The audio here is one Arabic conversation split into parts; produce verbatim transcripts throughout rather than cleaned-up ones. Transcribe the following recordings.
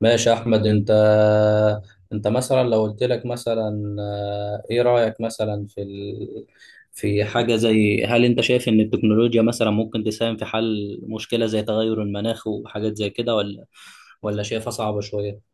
ماشي يا احمد انت. انت مثلا لو قلت لك مثلا، آه، ايه رايك مثلا في ال... في حاجه زي، هل انت شايف ان التكنولوجيا مثلا ممكن تساهم في حل مشكله زي تغير المناخ وحاجات زي كده، ولا ولا شايفها صعبه شويه؟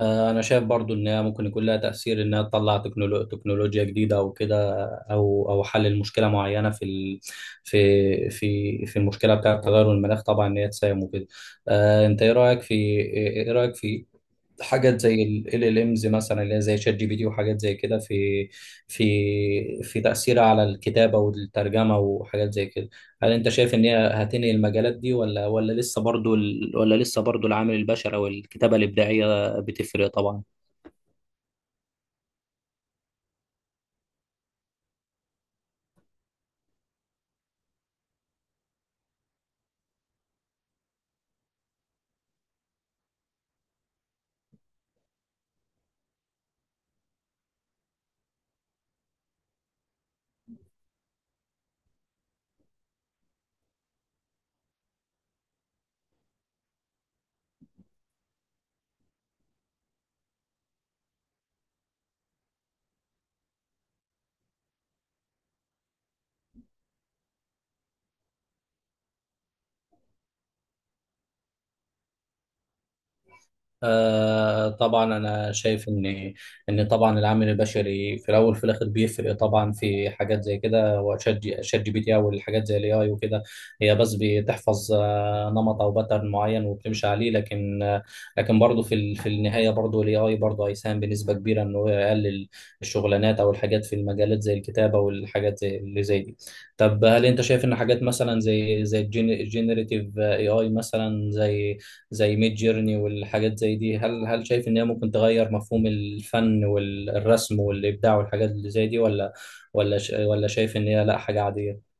آه، انا شايف برضو انها ممكن يكون لها تاثير، انها تطلع تكنولو... تكنولوجيا جديده او كده، او او حل المشكله معينه في ال... في في في المشكله بتاعه تغير المناخ، طبعا، ان هي تساهم وكده. آه، انت ايه رايك في ايه إيه رايك في حاجات زي ال ال امز مثلا، اللي هي زي شات جي بي تي وحاجات زي كده، في في في تأثيرها على الكتابة والترجمة وحاجات زي كده؟ هل انت شايف ان هي هتنهي المجالات دي؟ ولا ولا لسه برضو ال ولا لسه برضو العامل البشري او الكتابة الإبداعية بتفرق، طبعا؟ آه طبعا. انا شايف ان ان طبعا العامل البشري في الاول في الاخر بيفرق، طبعا، في حاجات زي كده. وشات جي شات جي بي تي او الحاجات زي الاي اي وكده. هي بس بتحفظ آه نمط او باترن معين، وبتمشي عليه، لكن آه لكن برضه في ال- في النهايه برضه الاي اي برضه هيساهم بنسبه كبيره انه يقلل الشغلانات او الحاجات في المجالات زي الكتابه والحاجات زي اللي زي دي. طب هل انت شايف ان حاجات مثلا زي زي الجينيريتيف اي اي مثلا زي زي ميد جيرني والحاجات زي دي؟ هل هل شايف ان هي ممكن تغير مفهوم الفن والرسم والابداع والحاجات اللي زي دي؟ ولا ولا ش- ولا شايف ان هي لا، حاجة عادية؟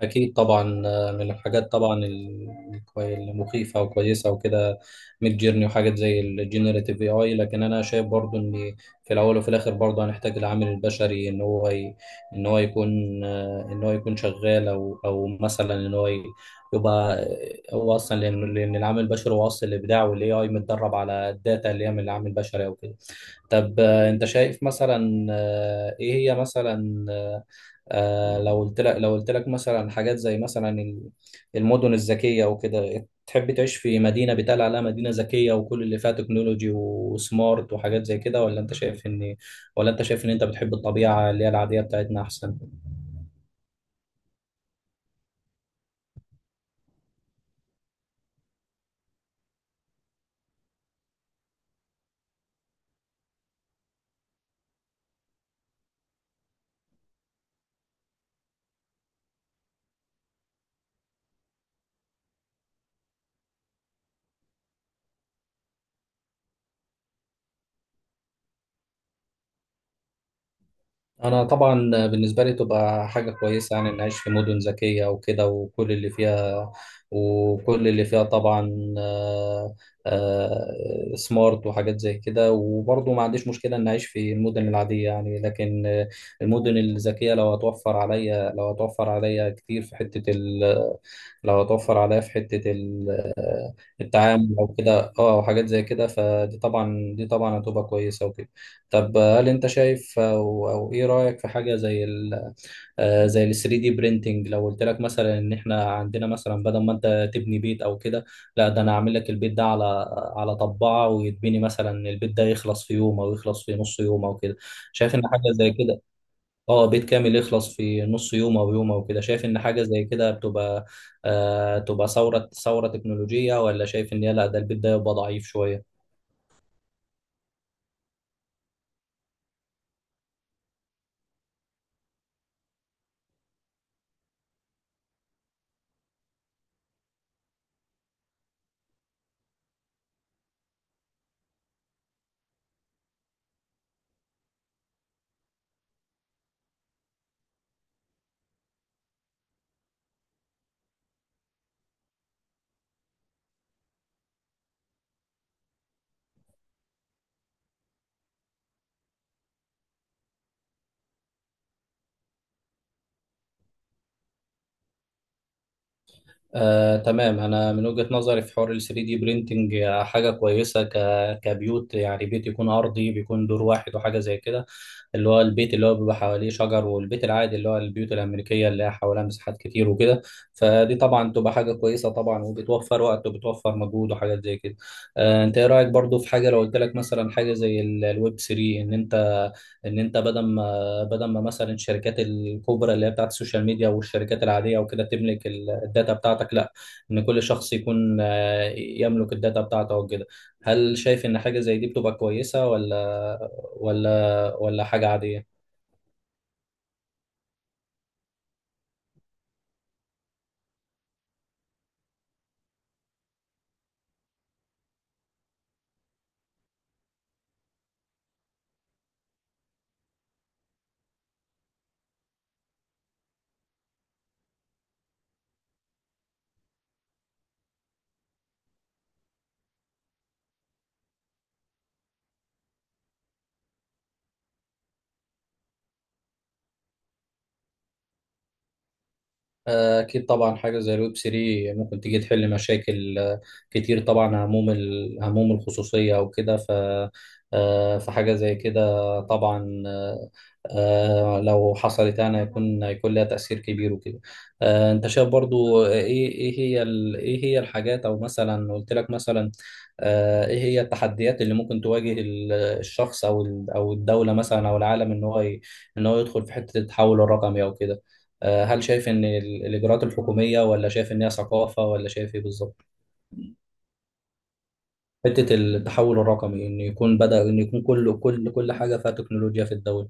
أكيد طبعا. آه، من الحاجات طبعا ال- الكوي- المخيفة وكويسة وكده، ميد جيرني وحاجات زي الجينيراتيف اي اي. لكن أنا شايف برضو إن في الأول وفي الآخر برضو هنحتاج العامل البشري، إن هو ي... إن هو يكون آه، إن هو يكون شغال، أو أو مثلا إن هو ي- يبقى آه، هو أصلا، لأن لأن العامل البشري هو أصل الإبداع، والاي اي متدرب على الداتا اللي هي من العامل البشري أو كده. طب آه، انت شايف مثلا، آه، ايه هي مثلا، آه، آه، لو قلت لك لو قلت لك مثلا حاجات زي مثلا ال- المدن الذكية وكده، تحب تعيش في مدينة بيتقال عليها مدينة ذكية وكل اللي فيها تكنولوجي وسمارت وحاجات زي كده؟ ولا انت شايف ان ولا انت شايف ان انت بتحب الطبيعة اللي هي العادية بتاعتنا احسن؟ انا طبعا بالنسبه لي تبقى حاجه كويسه يعني، ان اعيش في مدن ذكيه وكده وكل اللي فيها وكل اللي فيها طبعا، آه، آه، سمارت وحاجات زي كده. وبرضه ما عنديش مشكله ان اعيش في المدن العاديه يعني، لكن آه، المدن الذكيه لو هتوفر عليا لو هتوفر عليا كتير في حته، لو هتوفر عليا في حتة ال- التعامل أو كده، اه، أو حاجات زي كده، فدي طبعا، دي طبعا هتبقى كويسة وكده. طب هل أنت شايف، أو, أو إيه رأيك في حاجة زي ال آه، زي ال ثري دي printing؟ لو قلت لك مثلا إن إحنا عندنا، مثلا بدل ما أنت تبني بيت أو كده، لا، ده أنا هعمل لك البيت ده على على طباعة، ويتبني مثلا البيت ده يخلص في يوم، أو يخلص في نص يوم أو كده. شايف إن حاجة زي كده، اه بيت كامل يخلص في نص يوم او يوم او كده، شايف ان حاجه زي كده بتبقى، آه تبقى ثوره ثوره تكنولوجيه؟ ولا شايف ان هي لا، ده البيت ده يبقى ضعيف شويه؟ آه، تمام. انا من وجهة نظري في حوار ال ثري دي برينتنج، حاجه كويسه ك... كبيوت يعني، بيت يكون ارضي، بيكون دور واحد وحاجه زي كده، اللي هو البيت اللي هو بيبقى حواليه شجر، والبيت العادي اللي هو البيوت الامريكيه اللي هي حواليها مساحات كتير وكده. فدي طبعا تبقى حاجه كويسه طبعا، وبتوفر وقت وبتوفر مجهود وحاجات زي كده. آه، انت ايه رايك برضو في حاجه، لو قلت لك مثلا حاجه زي الويب ثري، ان انت، ان انت بدل ما بدل ما مثلا الشركات الكبرى اللي هي بتاعت السوشيال ميديا والشركات العادية وكده تملك ال- الداتا بتاعتك، لا، ان كل شخص يكون آه، يملك الداتا بتاعته او كده. هل شايف ان حاجة زي دي بتبقى كويسة؟ ولا ولا ولا حاجة عادية؟ أكيد طبعا. حاجة زي الويب ثري ممكن تيجي تحل مشاكل آه، كتير طبعا، هموم ال- هموم الخصوصية أو كده. ف آه، فحاجة زي كده طبعا، آه، آه، لو حصلت يعني، هيكون هيكون لها تأثير كبير وكده. آه، أنت شايف برضو إيه، إيه هي ال- إيه هي الحاجات، أو مثلا قلت لك مثلا، آه، إيه هي التحديات اللي ممكن تواجه ال- الشخص أو ال- أو الدولة مثلا أو العالم، إن هو ي- إن هو يدخل في حتة التحول الرقمي أو كده؟ آه، هل شايف ان ال- الاجراءات الحكوميه؟ ولا شايف ان هي ثقافه؟ ولا شايف ايه بالظبط؟ حته التحول الرقمي، ان يكون بدا ان يكون كل كل كل حاجه فيها تكنولوجيا في الدوله.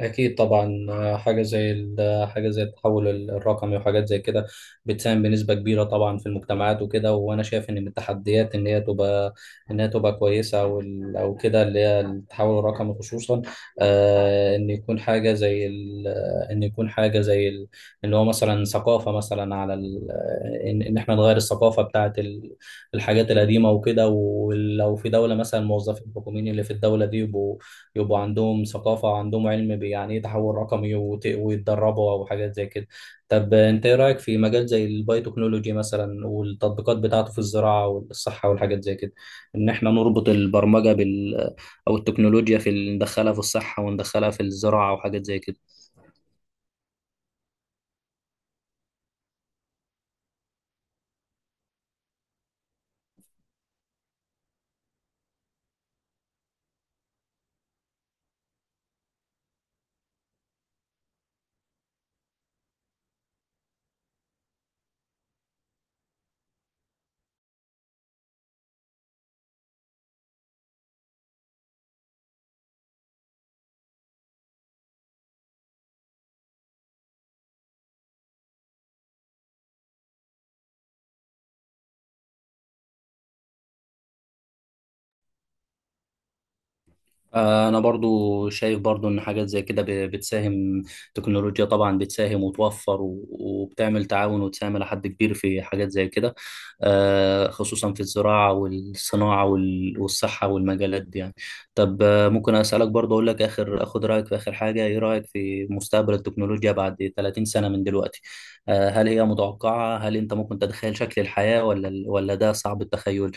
أكيد طبعا. آه، حاجة زي ال- حاجة زي التحول ال- الرقمي وحاجات زي كده بتساهم بنسبة كبيرة طبعا في المجتمعات وكده. وأنا شايف إن من التحديات إن هي تبقى إن هي تبقى كويسة، أو ال- أو كده، اللي هي التحول الرقمي خصوصا. آه إن يكون حاجة زي ال- آه، إن يكون حاجة زي ال- إن هو مثلا ثقافة مثلا على ال- آه، إن إن إحنا نغير الثقافة بتاعت ال- الحاجات القديمة وكده. ولو في دولة مثلا، الموظفين الحكوميين اللي في الدولة دي، يبقوا يبقوا عندهم ثقافة وعندهم علم بيعني ايه تحول رقمي، وت- ويتدربوا أو حاجات زي كده. طب أنت إيه رأيك في مجال زي البايوتكنولوجي مثلا، والتطبيقات بتاعته في الزراعة والصحة والحاجات زي كده، إن إحنا نربط البرمجة بال، أو التكنولوجيا في ال- ندخلها في الصحة وندخلها في الزراعة وحاجات زي كده؟ انا برضو شايف برضو ان حاجات زي كده ب- بتساهم، تكنولوجيا طبعا بتساهم وتوفر و- وبتعمل تعاون، وتساهم الى حد كبير في حاجات زي كده، آه، خصوصا في الزراعة والصناعة وال- والصحة والمجالات دي يعني. طب آه، ممكن اسالك برضو، اقول لك اخر اخد رايك في اخر حاجة، ايه رايك في مستقبل التكنولوجيا بعد تلاتين سنة من دلوقتي؟ آه، هل هي متوقعة؟ هل انت ممكن تتخيل شكل الحياة؟ ولا ولا ده صعب التخيل؟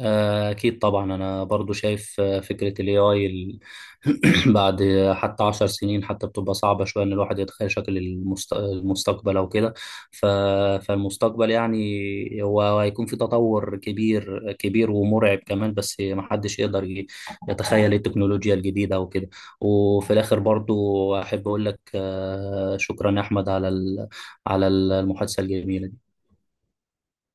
آه، أكيد طبعا. أنا برضو شايف آه، فكرة ال اي اي ال- بعد حتى عشر سنين، حتى بتبقى صعبة شوية إن الواحد يتخيل شكل المست... المستقبل أو كده. ف... فالمستقبل يعني هو هيكون في تطور كبير كبير ومرعب كمان، بس محدش يقدر ي- يتخيل التكنولوجيا الجديدة أو كده. وفي الآخر برضو أحب أقول لك آه، شكرا يا أحمد على ال... على المحادثة الجميلة دي.